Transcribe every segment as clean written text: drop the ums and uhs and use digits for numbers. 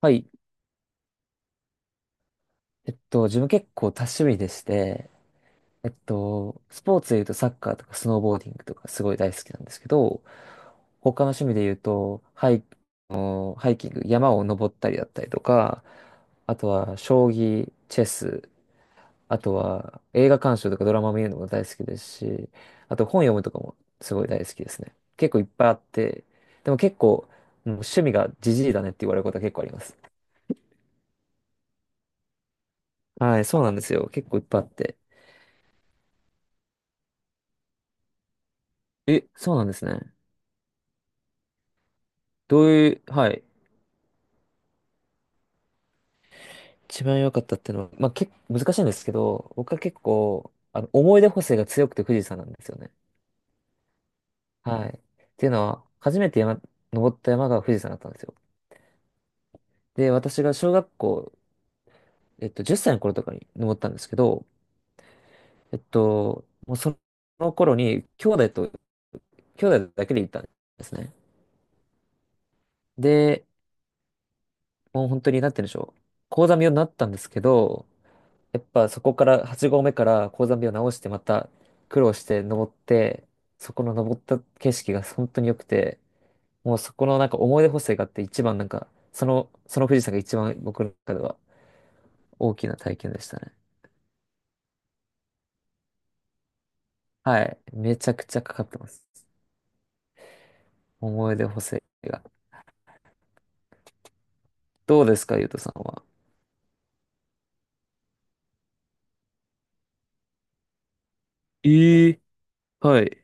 はい。自分結構多趣味でして、スポーツで言うとサッカーとかスノーボーディングとかすごい大好きなんですけど、他の趣味で言うと、ハイキング、山を登ったりだったりとか、あとは将棋、チェス、あとは映画鑑賞とかドラマ見るのも大好きですし、あと本読むとかもすごい大好きですね。結構いっぱいあって、でも結構、もう趣味がじじいだねって言われることは結構あります。はい、そうなんですよ。結構いっぱいあって。え、そうなんですね。どういう、はい。一番良かったっていうのは、まあ、結構難しいんですけど、僕は結構、思い出補正が強くて富士山なんですよね。はい。っていうのは、初めて山、登った山が富士山だったんですよ。で、私が小学校、10歳の頃とかに登ったんですけど、もうその頃に、兄弟だけで行ったんですね。で、もう本当に、なんて言うんでしょう。高山病になったんですけど、やっぱそこから8合目から高山病を直してまた苦労して登って、そこの登った景色が本当に良くて、もうそこのなんか思い出補正があって一番なんか、その富士山が一番僕の中では大きな体験でしたね。はい。めちゃくちゃかかってます。思い出補正が。どうですか、ゆうとさんは。ええ、はい。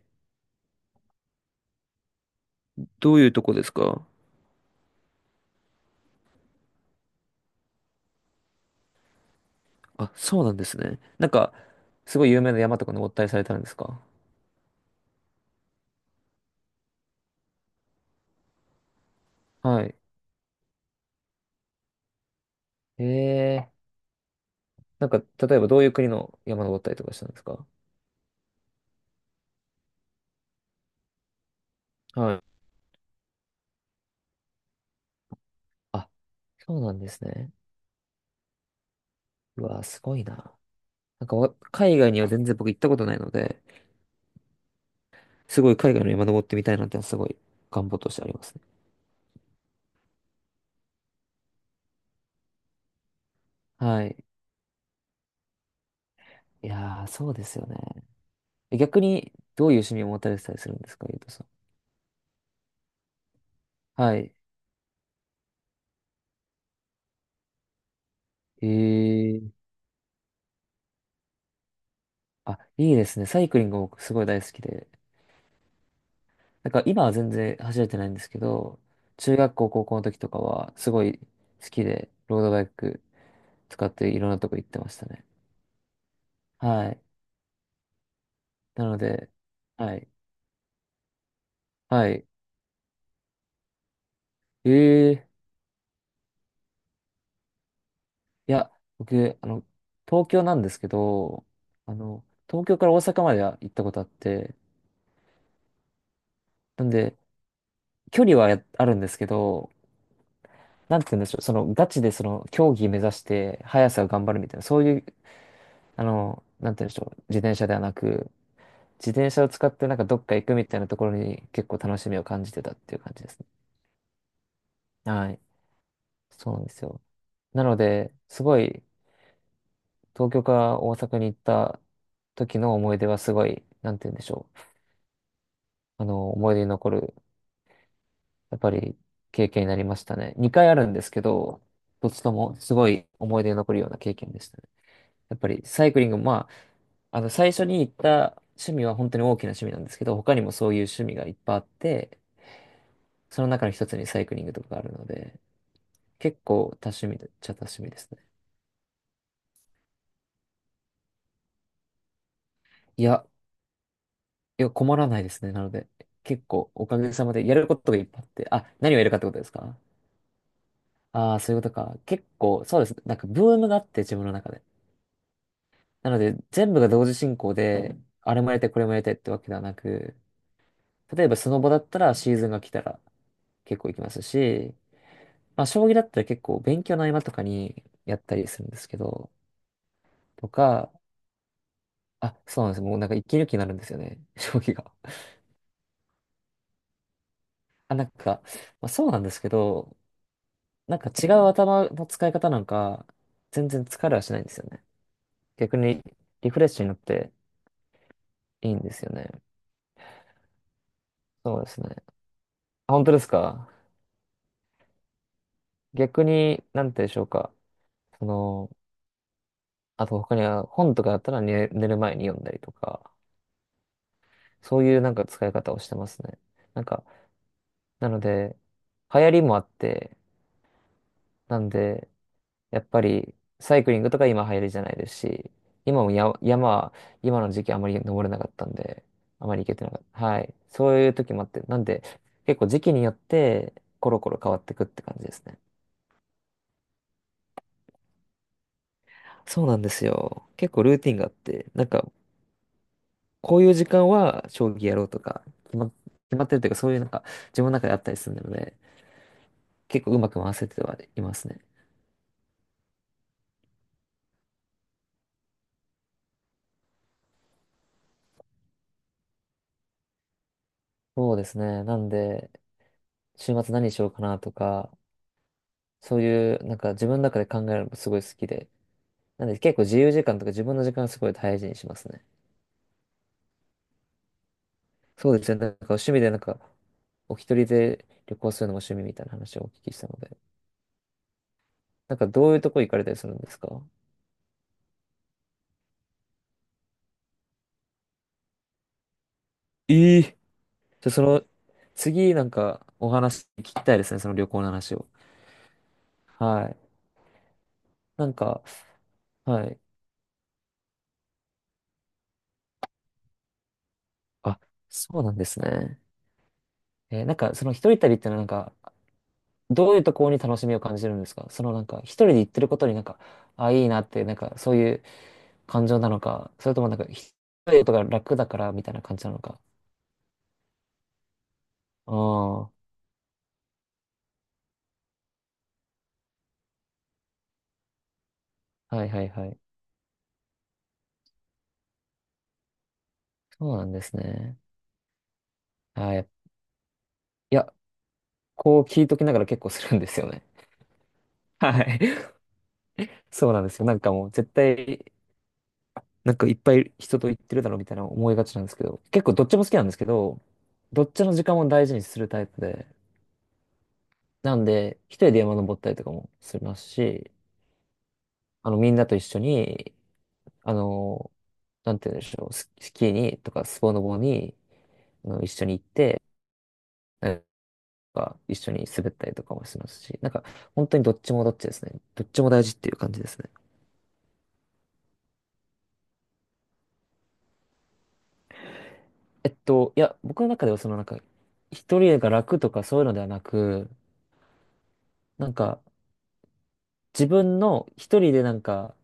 どういうとこですか？あ、そうなんですね。なんか、すごい有名な山とか登ったりされたんですか？はい。ええ、なんか、例えばどういう国の山登ったりとかしたんですか？はい。あ、そうなんですね。うわ、すごいな。なんかわ、海外には全然僕行ったことないので、すごい海外の山登ってみたいなってのはすごい願望としてありますね。はい。いやー、そうですよね。え逆に、どういう趣味を持たれてたりするんですか、ゆうとさん。はい。えー、あ、いいですね。サイクリング僕すごい大好きで、なんか今は全然走れてないんですけど、中学校、高校の時とかはすごい好きで、ロードバイク使っていろんなとこ行ってましたね。はい。なので、はい。はい。ええ、いや、僕、あの、東京なんですけど、東京から大阪までは行ったことあって、なんで、距離はやあるんですけど、なんて言うんでしょう、その、ガチでその、競技目指して、速さを頑張るみたいな、そういう、なんて言うんでしょう、自転車ではなく、自転車を使ってなんかどっか行くみたいなところに結構楽しみを感じてたっていう感じですね。はい。そうなんですよ。なので、すごい東京から大阪に行った時の思い出はすごい、なんて言うんでしょう。思い出に残る、やっぱり経験になりましたね。2回あるんですけど、どっちともすごい思い出に残るような経験でしたね。やっぱりサイクリング、まあ、最初に行った趣味は本当に大きな趣味なんですけど、他にもそういう趣味がいっぱいあって、その中の一つにサイクリングとかがあるので、結構多趣味でっちゃ多趣味ですね。いや、いや、困らないですね。なので、結構おかげさまでやることがいっぱいあって、あ、何をやるかってことですか？ああー、そういうことか。結構、そうですね。なんかブームがあって、自分の中で。なので、全部が同時進行で、うん、あれもやりたい、これもやりたいってわけではなく、例えばスノボだったらシーズンが来たら結構行きますし、まあ、将棋だったら結構勉強の合間とかにやったりするんですけど、とか、あ、そうなんです。もうなんか一気抜きになるんですよね。将棋が。あ、なんか、まあ、そうなんですけど、なんか違う頭の使い方なんか、全然疲れはしないんですよね。逆にリフレッシュになっていいんですよね。そうですね。あ本当ですか？逆に、なんて言うんでしょうか。その、あと他には本とかだったら寝る前に読んだりとか、そういうなんか使い方をしてますね。なんか、なので、流行りもあって、なんで、やっぱりサイクリングとか今流行りじゃないですし、今もや山は、今の時期あまり登れなかったんで、あまり行けてなかった。はい。そういう時もあって、なんで結構時期によってコロコロ変わってくって感じですね。そうなんですよ。結構ルーティンがあって、なんかこういう時間は将棋やろうとか、決まってるというかそういうなんか自分の中であったりするので、結構うまく回せてはいますね。そうですね。なんで、週末何しようかなとか、そういう、なんか自分の中で考えるのもすごい好きで、なんで結構自由時間とか自分の時間はすごい大事にしますね。そうですね。なんか趣味でなんか、お一人で旅行するのが趣味みたいな話をお聞きしたので。なんかどういうとこ行かれたりするんですか？ええ、じゃ、その、次なんかお話聞きたいですね。その旅行の話を。はい。なんか、はい。あ、そうなんですね。えー、なんかその一人旅ってのはなんか、どういうところに楽しみを感じるんですか？そのなんか、一人で行ってることになんか、あ、いいなって、なんか、そういう感情なのか、それともなんか、一人でとか楽だからみたいな感じなのか。ああ、はいはいはい。そうなんですね。はい。いや、こう聞いときながら結構するんですよね。はい。そうなんですよ。なんかもう絶対、なんかいっぱい人と行ってるだろうみたいな思いがちなんですけど、結構どっちも好きなんですけど、どっちの時間も大事にするタイプで、なんで、一人で山登ったりとかもしますし、みんなと一緒に、あの、なんて言うんでしょう、スキーにとかスポノボに、一緒に行って、なんか一緒に滑ったりとかもしますし、なんか本当にどっちもどっちですね。どっちも大事っていう感じですね。いや、僕の中ではそのなんか、一人が楽とかそういうのではなく、なんか自分の一人でなんか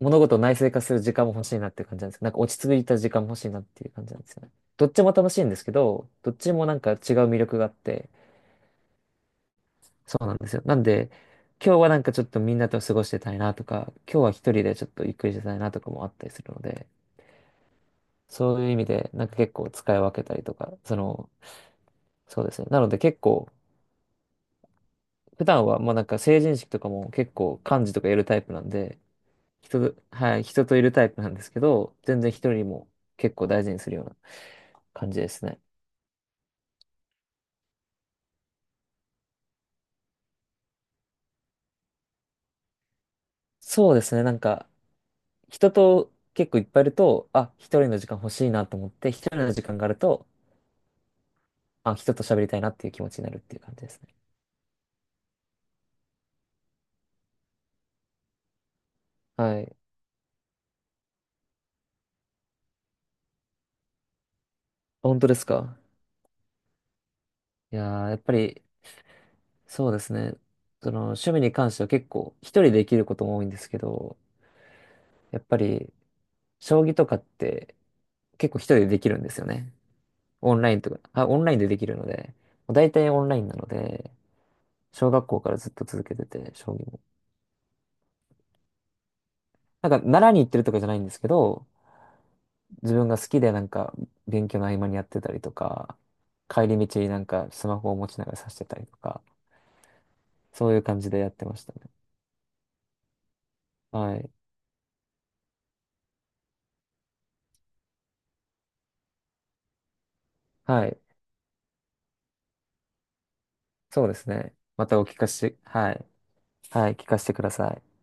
物事を内省化する時間も欲しいなっていう感じなんですけど、なんか落ち着いた時間も欲しいなっていう感じなんですよね。どっちも楽しいんですけど、どっちもなんか違う魅力があって、そうなんですよ。なんで、今日はなんかちょっとみんなと過ごしてたいなとか、今日は一人でちょっとゆっくりしてたいなとかもあったりするので、そういう意味でなんか結構使い分けたりとか、その、そうですね。なので結構、普段はもうなんか成人式とかも結構幹事とかやるタイプなんで、人と、はい、人といるタイプなんですけど、全然一人も結構大事にするような感じですね。そうですね。なんか、人と結構いっぱいいると、あ、一人の時間欲しいなと思って、一人の時間があると、あ、人と喋りたいなっていう気持ちになるっていう感じですね。はい。本当ですか？いやー、やっぱり、そうですね。その、趣味に関しては結構、一人でできることも多いんですけど、やっぱり、将棋とかって、結構一人でできるんですよね。オンラインとか、あ、オンラインでできるので、大体オンラインなので、小学校からずっと続けてて、将棋も。なんか、習いに行ってるとかじゃないんですけど、自分が好きでなんか、勉強の合間にやってたりとか、帰り道になんかスマホを持ちながら指してたりとか、そういう感じでやってましたね。はい。はい。そうですね。またお聞かせ、はい。はい。聞かせてください。